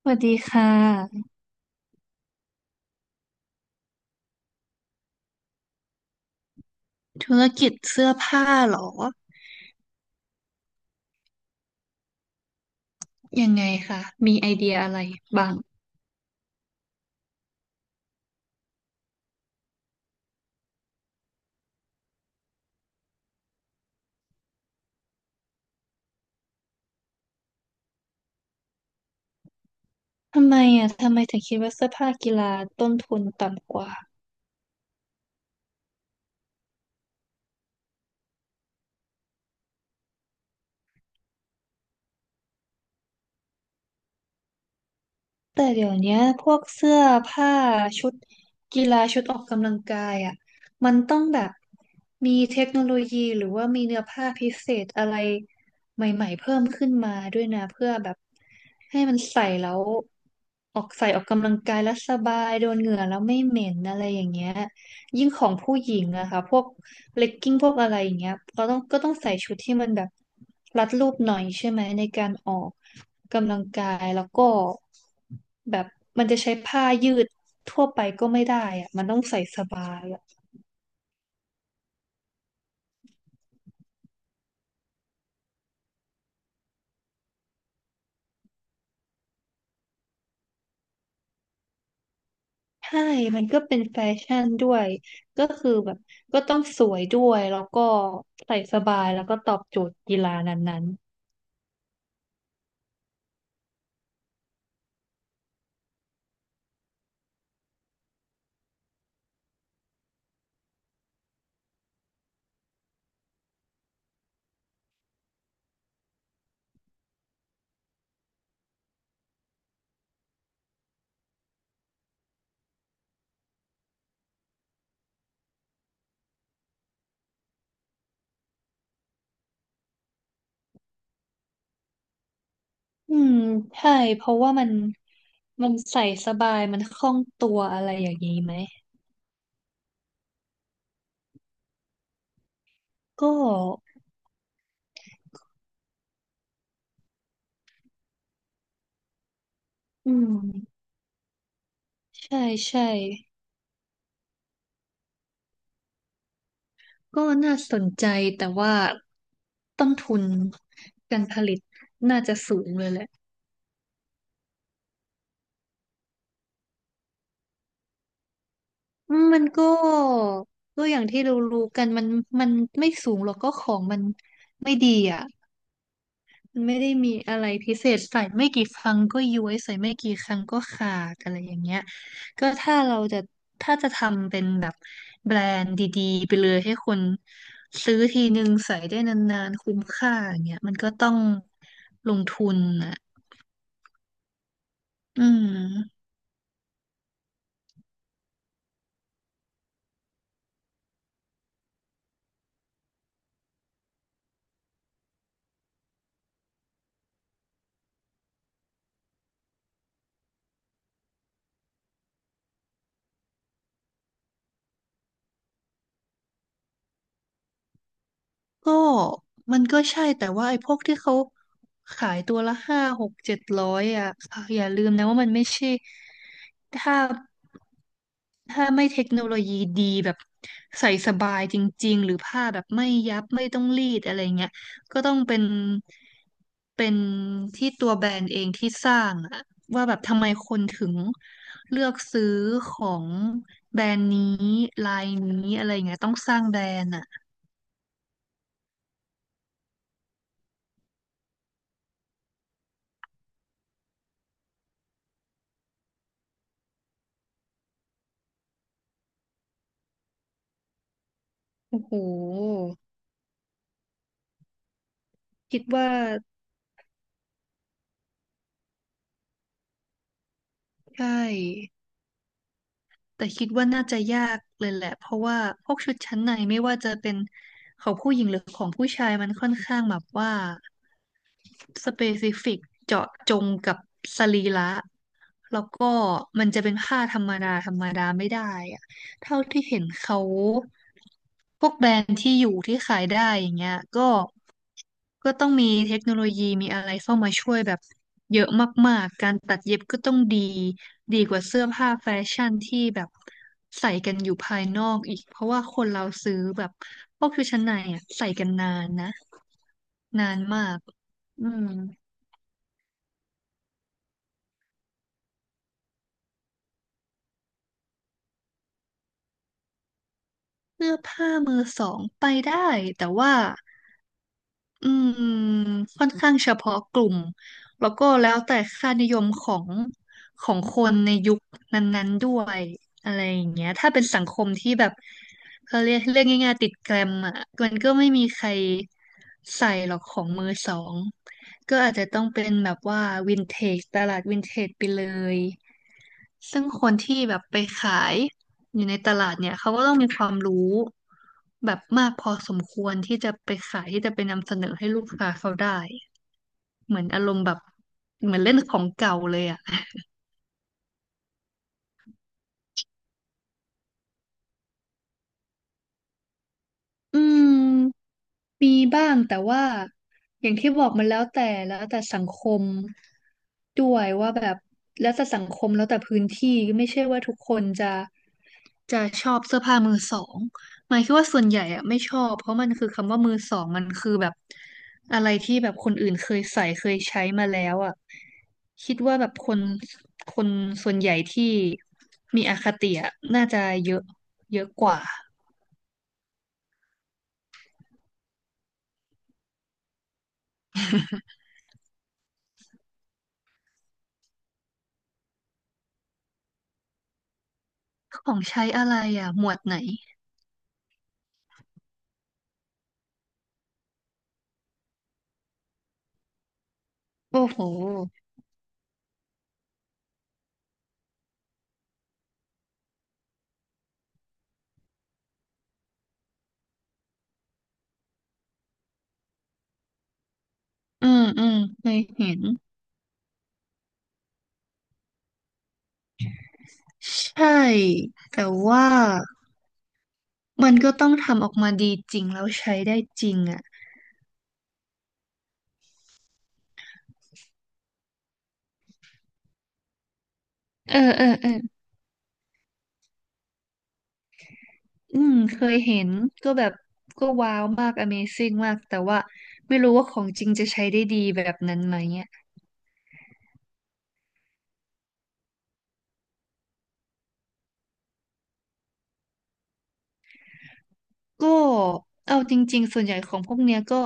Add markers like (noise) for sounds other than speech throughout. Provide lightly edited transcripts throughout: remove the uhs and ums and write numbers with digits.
สวัสดีค่ะธุรกิจเสื้อผ้าเหรอยังไงคะมีไอเดียอะไรบ้างทำไมอ่ะทำไมถึงคิดว่าเสื้อผ้ากีฬาต้นทุนต่ำกว่า แต่เดี๋ยวเนี้ยพวกเสื้อผ้าชุดกีฬาชุดออกกำลังกายอ่ะมันต้องแบบมีเทคโนโลยีหรือว่ามีเนื้อผ้าพิเศษอะไรใหม่ๆเพิ่มขึ้นมาด้วยนะเพื่อแบบให้มันใส่แล้วออกใส่ออกกำลังกายแล้วสบายโดนเหงื่อแล้วไม่เหม็นอะไรอย่างเงี้ยยิ่งของผู้หญิงอะค่ะพวกเลกกิ้งพวกอะไรอย่างเงี้ยก็ต้องใส่ชุดที่มันแบบรัดรูปหน่อยใช่ไหมในการออกกำลังกายแล้วก็ แบบมันจะใช้ผ้ายืดทั่วไปก็ไม่ได้อะมันต้องใส่สบายอะใช่มันก็เป็นแฟชั่นด้วย ก็คือแบบก็ต้องสวยด้วย แล้วก็ใส่สบายแล้วก็ตอบโจทย์กีฬานั้นๆอืมใช่ เพราะว่ามันใส่สบาย มันคล่องตัวอะไรอย่างนี้ไหม ก็อืมใช่ใช่ก็น่าสนใจแต่ว่าต้นทุนการผลิตน่าจะสูงเลยแหละ อืมมันก็ก็อย่างที่เรารู้กันมันไม่สูงหรอกก็ของมันไม่ดีอ่ะมันไม่ได้มีอะไรพิเศษใส่ไม่กี่ครั้งก็ย้วยใส่ไม่กี่ครั้งก็ขาดอะไรอย่างเงี้ยก็ถ้าเราจะถ้าจะทำเป็นแบบแบรนด์ดีๆไปเลยให้คนซื้อทีนึงใส่ได้นานๆคุ้มค่าอย่างเงี้ยมันก็ต้องลงทุนอ่ะอืม ก็มันก็ใช่แต่ว่าไอ้พวกที่เขาขายตัวละห้าหกเจ็ดร้อยอ่ะค่ะอย่าลืมนะว่ามันไม่ใช่ถ้าถ้าไม่เทคโนโลยีดีแบบใส่สบายจริงๆหรือผ้าแบบไม่ยับไม่ต้องรีดอะไรเงี้ยก็ต้องเป็นเป็นที่ตัวแบรนด์เองที่สร้างอะว่าแบบทำไมคนถึงเลือกซื้อของแบรนด์นี้ลายนี้อะไรเงี้ยต้องสร้างแบรนด์อะโอ้โหคิดว่า ใช่ แต่คิดว่าน่าจะยากเลยแหละ เพราะว่าพวกชุดชั้นในไม่ว่าจะเป็นของผู้หญิงหรือของผู้ชายมันค่อนข้างแบบว่าสเปซิฟิกเจาะจงกับสรีระแล้วก็มันจะเป็นผ้าธรรมดาธรรมดาไม่ได้อะ เท่าที่เห็นเขาพวกแบรนด์ที่อยู่ที่ขายได้อย่างเงี้ยก็ก็ต้องมีเทคโนโลยีมีอะไรเข้ามาช่วยแบบเยอะมากๆการตัดเย็บก็ต้องดีดีกว่าเสื้อผ้าแฟชั่นที่แบบใส่กันอยู่ภายนอกอีกเพราะว่าคนเราซื้อแบบพวกชุดชั้นในอ่ะใส่กันนานนะนานมากอืมเสื้อผ้ามือสองไปได้แต่ว่า อืมค่อนข้างเฉพาะกลุ่มแล้วก็แล้วแต่ค่านิยมของของคนในยุคนั้นๆด้วยอะไรอย่างเงี้ยถ้าเป็นสังคมที่แบบเขาเรียกเรื่องง่ายๆติดแกรมอ่ะมันก็ไม่มีใครใส่หรอกของมือสองก็อาจจะต้องเป็นแบบว่าวินเทจตลาดวินเทจไปเลย ซึ่งคนที่แบบไปขายอยู่ในตลาดเนี่ยเขาก็ต้องมีความรู้แบบมากพอสมควรที่จะไปขายที่จะไปนำเสนอให้ลูกค้าเขาได้เหมือนอารมณ์แบบเหมือนเล่นของเก่าเลยอ่ะอืม มีบ้างแต่ว่าอย่างที่บอกมันแล้วแต่แล้วแต่สังคมด้วยว่าแบบแล้วแต่สังคมแล้วแต่พื้นที่ไม่ใช่ว่าทุกคนจะชอบเสื้อผ้ามือสองหมายคิดว่าส่วนใหญ่อะไม่ชอบเพราะมันคือคำว่ามือสองมันคือแบบอะไรที่แบบคนอื่นเคยใส่เคยใช้มาแล้วอะคิดว่าแบบคนส่วนใหญ่ที่มีอคติอะน่าจะเยอะเยอะกว่าของใช้อะไรอ่ะหมวดไหนโอ้โห อืมอืมเคยเห็นใช่แต่ว่ามันก็ต้องทำออกมาดีจริงแล้วใช้ได้จริงอ่ะเออเออเอออืมเคยเห็นก็แบบก็ว้าวมาก Amazing มากแต่ว่าไม่รู้ว่าของจริงจะใช้ได้ดีแบบนั้นไหม ก็เอาจริงๆส่วนใหญ่ของพวกเนี้ยก็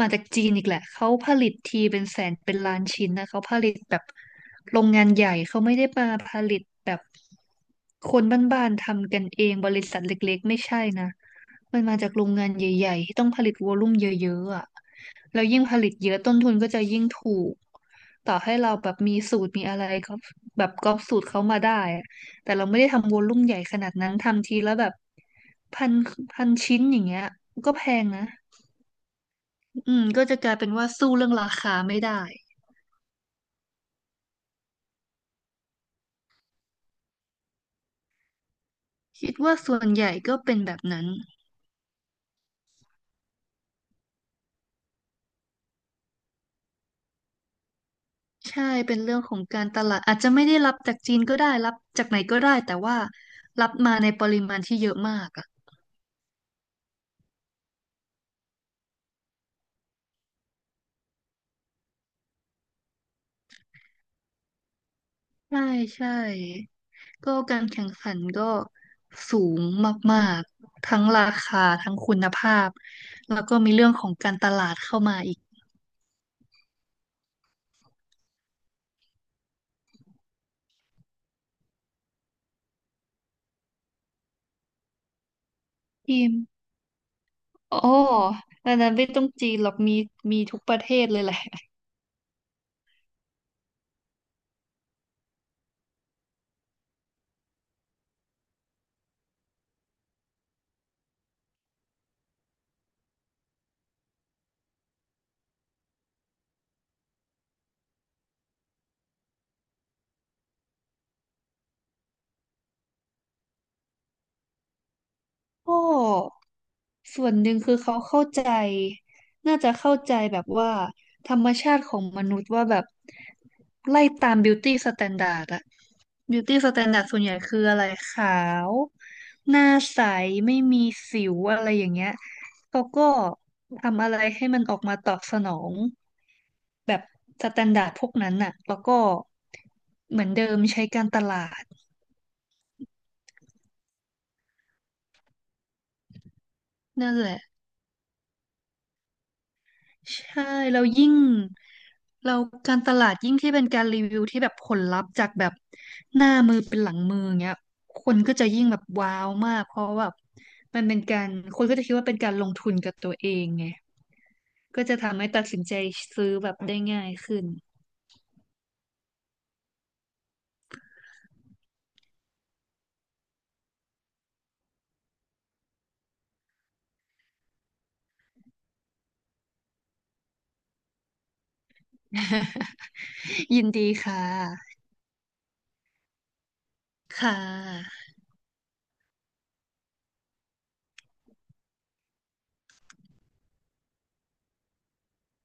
มาจากจีนอีกแหละเขาผลิตทีเป็นแสนเป็นล้านชิ้นนะเขาผลิตแบบโรงงานใหญ่เขาไม่ได้มาผลิตแบบคนบ้านๆทำกันเองบริษัทเล็กๆไม่ใช่นะมันมาจากโรงงานใหญ่ๆที่ต้องผลิตวอลลุ่มเยอะๆอ่ะ แล้วยิ่งผลิตเยอะต้นทุนก็จะยิ่งถูกต่อให้เราแบบมีสูตรมีอะไรก็แบบก๊อปสูตรเขามาได้อะแต่เราไม่ได้ทำวอลลุ่มใหญ่ขนาดนั้นทำทีแล้วแบบพันพันชิ้นอย่างเงี้ยก็แพงนะอืมก็จะกลายเป็นว่าสู้เรื่องราคาไม่ได้คิดว่าส่วนใหญ่ก็เป็นแบบนั้นใช่เป็นเรื่องของการตลาดอาจจะไม่ได้รับจากจีนก็ได้รับจากไหนก็ได้แต่ว่ารับมาในปริมาณที่เยอะมากอะ ใช่ใช่ก็การแข่งขันก็สูงมากๆทั้งราคาทั้งคุณภาพแล้วก็มีเรื่องของการตลาดเข้ามาอีกทีมอ๋ออันนั้นไม่ต้องจีนหรอกมีมีทุกประเทศเลยแหละโอ้ ส่วนหนึ่งคือเขาเข้าใจน่าจะเข้าใจแบบว่าธรรมชาติของมนุษย์ว่าแบบไล่ตามบิวตี้สแตนดาร์ดอะบิวตี้สแตนดาร์ดส่วนใหญ่คืออะไรขาวหน้าใสไม่มีสิวอะไรอย่างเงี้ยเขาก็ทำอะไรให้มันออกมาตอบสนองแบบสแตนดาร์ดพวกนั้นน่ะแล้วก็เหมือนเดิมใช้การตลาดนั่นแหละ ใช่แล้วยิ่งเราการตลาดยิ่งที่เป็นการรีวิวที่แบบผลลัพธ์จากแบบหน้ามือเป็นหลังมือเงี้ยคนก็จะยิ่งแบบว้าวมากเพราะว่าแบบมันเป็นการคนก็จะคิดว่าเป็นการลงทุนกับตัวเองไงก็จะทำให้ตัดสินใจซื้อแบบได้ง่ายขึ้น (laughs) ยินดีค่ะค่ะ